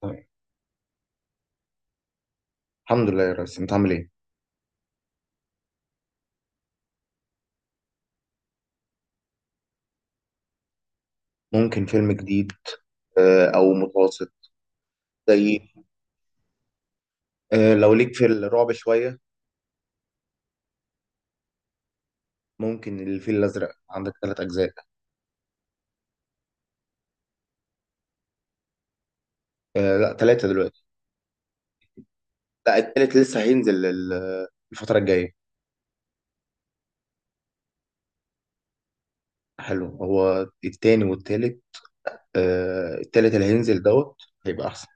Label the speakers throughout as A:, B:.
A: طيب. الحمد لله يا ريس، انت عامل ايه؟ ممكن فيلم جديد. او متوسط. زي. لو ليك في الرعب شويه. ممكن الفيل الازرق، عندك ثلاث اجزاء. لا، ثلاثه دلوقتي. لا، الثالث لسه هينزل الفتره الجايه. حلو، هو التاني والتالت. التالت اللي هينزل هيبقى احسن.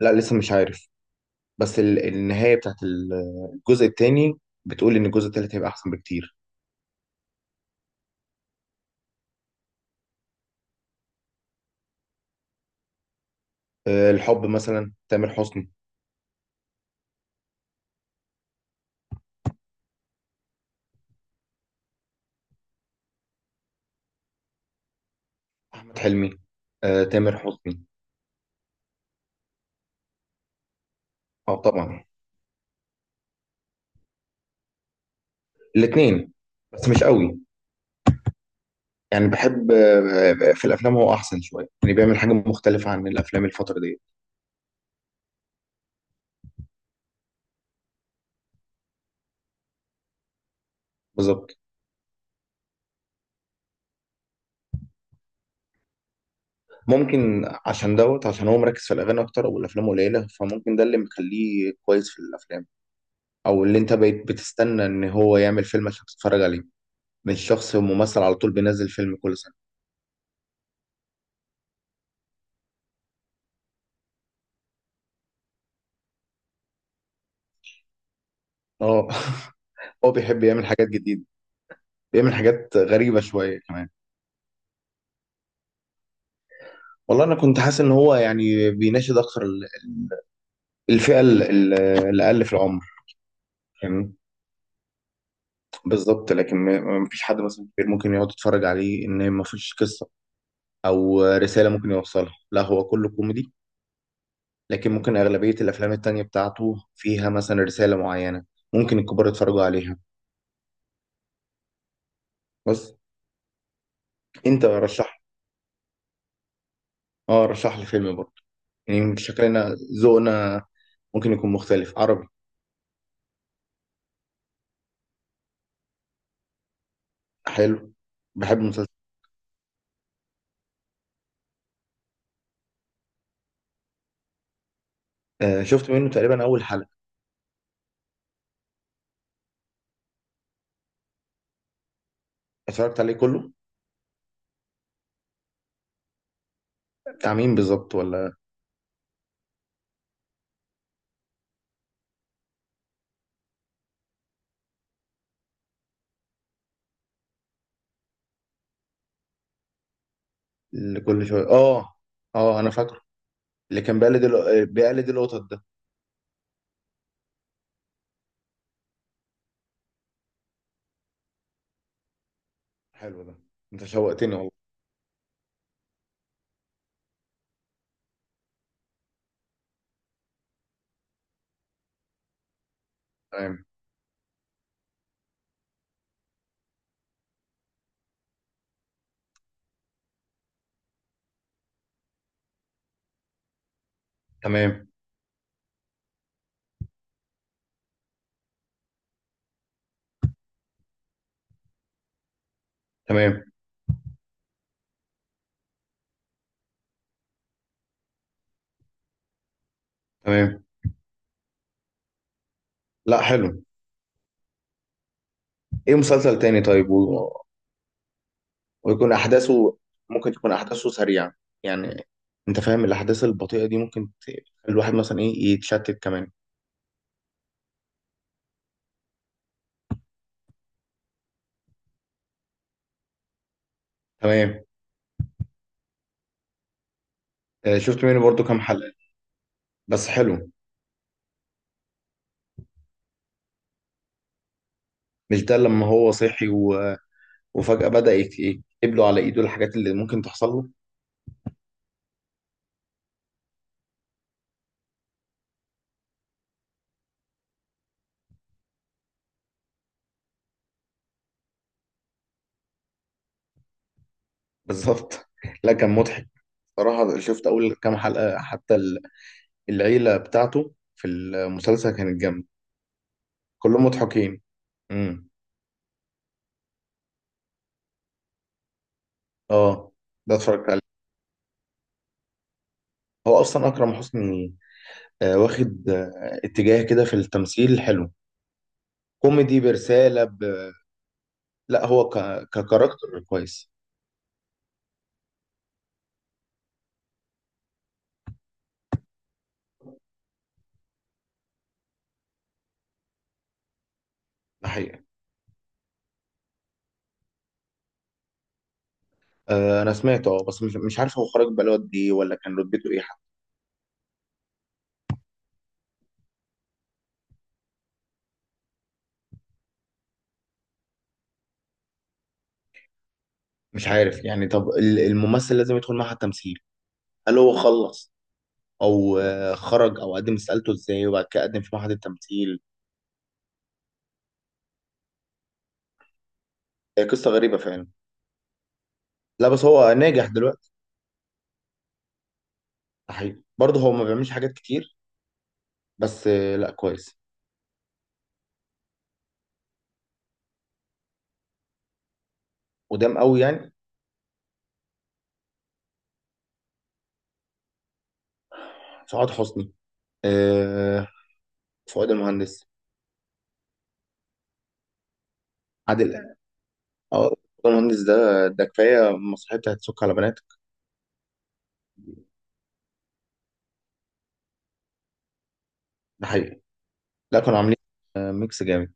A: لا، لسه مش عارف. بس النهايه بتاعت الجزء التاني بتقول ان الجزء التالت هيبقى احسن بكتير. الحب مثلا، تامر حسني. احمد حلمي، تامر حسني. اه طبعا. الاثنين، بس مش قوي. يعني بحب، في الافلام هو احسن شويه، يعني بيعمل حاجه مختلفه عن الافلام الفتره دي. بالظبط. ممكن عشان عشان هو مركز في الاغاني اكتر او الافلام قليله، فممكن ده اللي مخليه كويس في الافلام، او اللي انت بقيت بتستنى ان هو يعمل فيلم عشان تتفرج عليه. مش شخص ممثل على طول بينزل فيلم كل سنه. اه. هو بيحب يعمل حاجات جديده، بيعمل حاجات غريبه شويه كمان. والله انا كنت حاسس ان هو يعني بيناشد اكتر الفئه الاقل في العمر. فاهمني؟ بالظبط. لكن ما فيش حد مثلا كبير ممكن يقعد يتفرج عليه، ان ما فيش قصه او رساله ممكن يوصلها، لا هو كله كوميدي. لكن ممكن اغلبيه الافلام التانية بتاعته فيها مثلا رساله معينه ممكن الكبار يتفرجوا عليها. بس انت رشح. اه، رشح لي فيلم برضه. يعني شكلنا، ذوقنا ممكن يكون مختلف. عربي. حلو، بحب مسلسل. آه، شفت منه تقريبا اول حلقه. اتفرجت عليه كله. بتاع مين بالظبط، ولا؟ اللي كل شويه اه، اه انا فاكره. اللي كان بيقلد القطط ده. حلو ده، انت شوقتني والله. تمام. تمام. تمام. تمام. لا، حلو. ايه مسلسل تاني طيب و... ويكون احداثه ممكن تكون احداثه سريعة. يعني انت فاهم الاحداث البطيئة دي ممكن تخلي الواحد مثلا ايه يتشتت كمان. تمام. شفت منه برضو كام حلقة، بس حلو. مش ده لما هو صحي و... وفجأة بدأ ايه يكتب له على ايده الحاجات اللي ممكن تحصل له. بالظبط. لا، كان مضحك صراحة. شفت أول كام حلقة حتى، العيلة بتاعته في المسلسل كانت جامدة، كلهم مضحكين. امم. اه، ده اتفرجت عليه. هو اصلا اكرم حسني، واخد اتجاه كده في التمثيل حلو، كوميدي لا هو ككاركتر كويس. ده حقيقة. آه، انا سمعته بس مش عارف هو خرج بقاله قد ايه، ولا كان رتبته ايه حتى. مش عارف يعني. طب الممثل لازم يدخل معهد تمثيل؟ هل هو خلص، او خرج، او قدم استقالته ازاي وبعد كده قدم في معهد التمثيل؟ هي قصة غريبة فعلا. لا بس هو ناجح دلوقتي. حقيقي برضه هو ما بيعملش حاجات كتير، بس لا كويس. قدام قوي يعني؟ سعاد حسني، آه، فؤاد المهندس، عادل إمام. اه، فؤاد المهندس ده، ده كفايه المسرحيه بتاعت سك على بناتك. ده حقيقي. لا، كانوا عاملين ميكس جامد.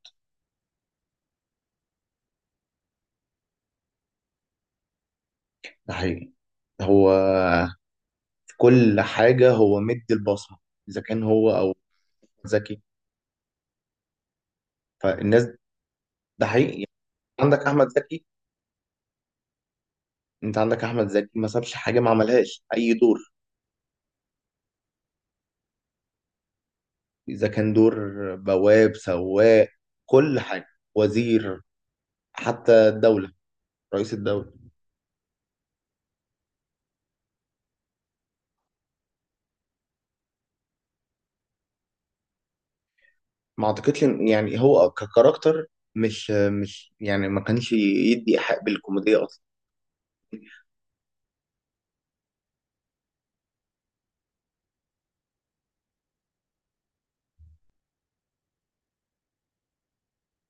A: ده حقيقي. هو في كل حاجه هو مدي البصمه، اذا كان هو او زكي. فالناس، ده حقيقي. عندك احمد زكي. انت عندك احمد زكي ما سابش حاجه ما عملهاش، اي دور، إذا كان دور بواب، سواق، كل حاجة، وزير، حتى الدولة، رئيس الدولة. ما أعتقدش يعني هو ككاركتر مش يعني ما كانش يدي إيحاء بالكوميديا أصلا.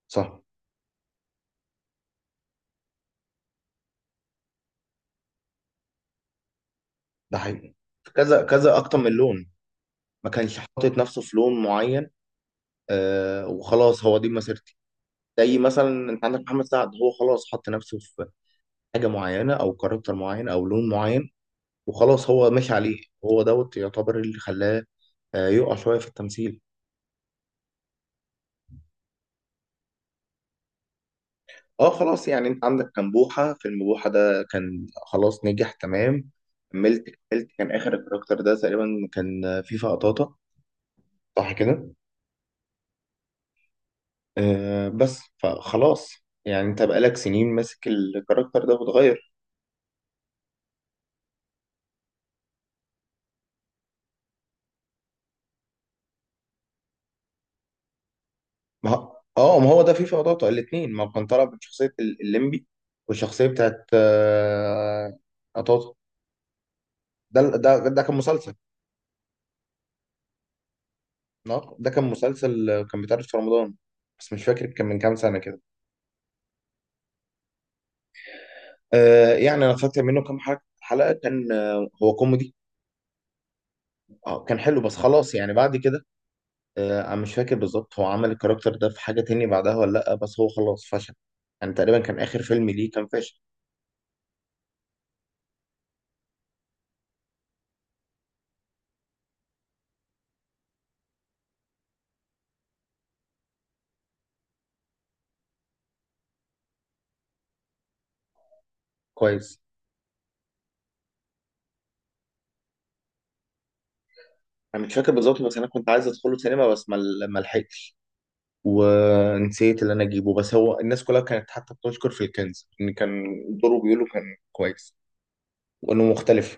A: صح. ده حقيقي. كذا كذا أكتر من لون، ما كانش حاطط نفسه في لون معين. وخلاص، هو دي مسيرتي. زي مثلا انت عندك محمد سعد، هو خلاص حط نفسه في حاجه معينه او كاركتر معين او لون معين، وخلاص هو ماشي عليه. هو يعتبر اللي خلاه يقع شوية في التمثيل. اه، خلاص يعني. انت عندك كان بوحة، فيلم بوحة ده كان خلاص نجح تمام. كملت. كملت كان اخر الكاركتر ده تقريبا، كان فيفا قطاطة. صح كده؟ آه، بس فخلاص، يعني انت بقالك سنين ماسك الكاركتر ده وتغير. ما هو ده فيفا قطاطة الاتنين، ما هو كان طالع من شخصية الليمبي والشخصية بتاعت قطاطة. ده كان مسلسل. ده كان مسلسل، كان بيتعرض في رمضان، بس مش فاكر كان من كام سنة كده. يعني أنا فاكر منه كام حلقة، كان هو كوميدي. كان حلو، بس خلاص يعني بعد كده. أنا مش فاكر بالظبط هو عمل الكاركتر ده في حاجة تاني بعدها ولا لأ، بس هو خلاص فشل، يعني تقريبا كان آخر فيلم ليه كان فاشل. كويس. أنا مش فاكر بالظبط، بس أنا كنت عايز أدخله سينما، بس ما لحقتش، ونسيت اللي أنا أجيبه. بس هو الناس كلها كانت حتى بتشكر في الكنز، إن كان دوره بيقولوا كان كويس، وإنه مختلف.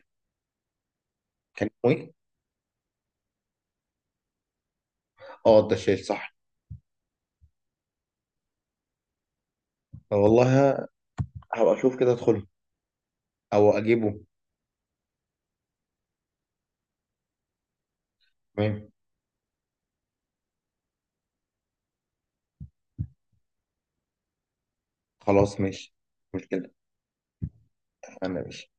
A: كان اسمه إيه؟ اه، الدشاش صح. طب والله هبقى اشوف كده ادخله، او اجيبه. تمام. خلاص ماشي. مش كده؟ انا ماشي.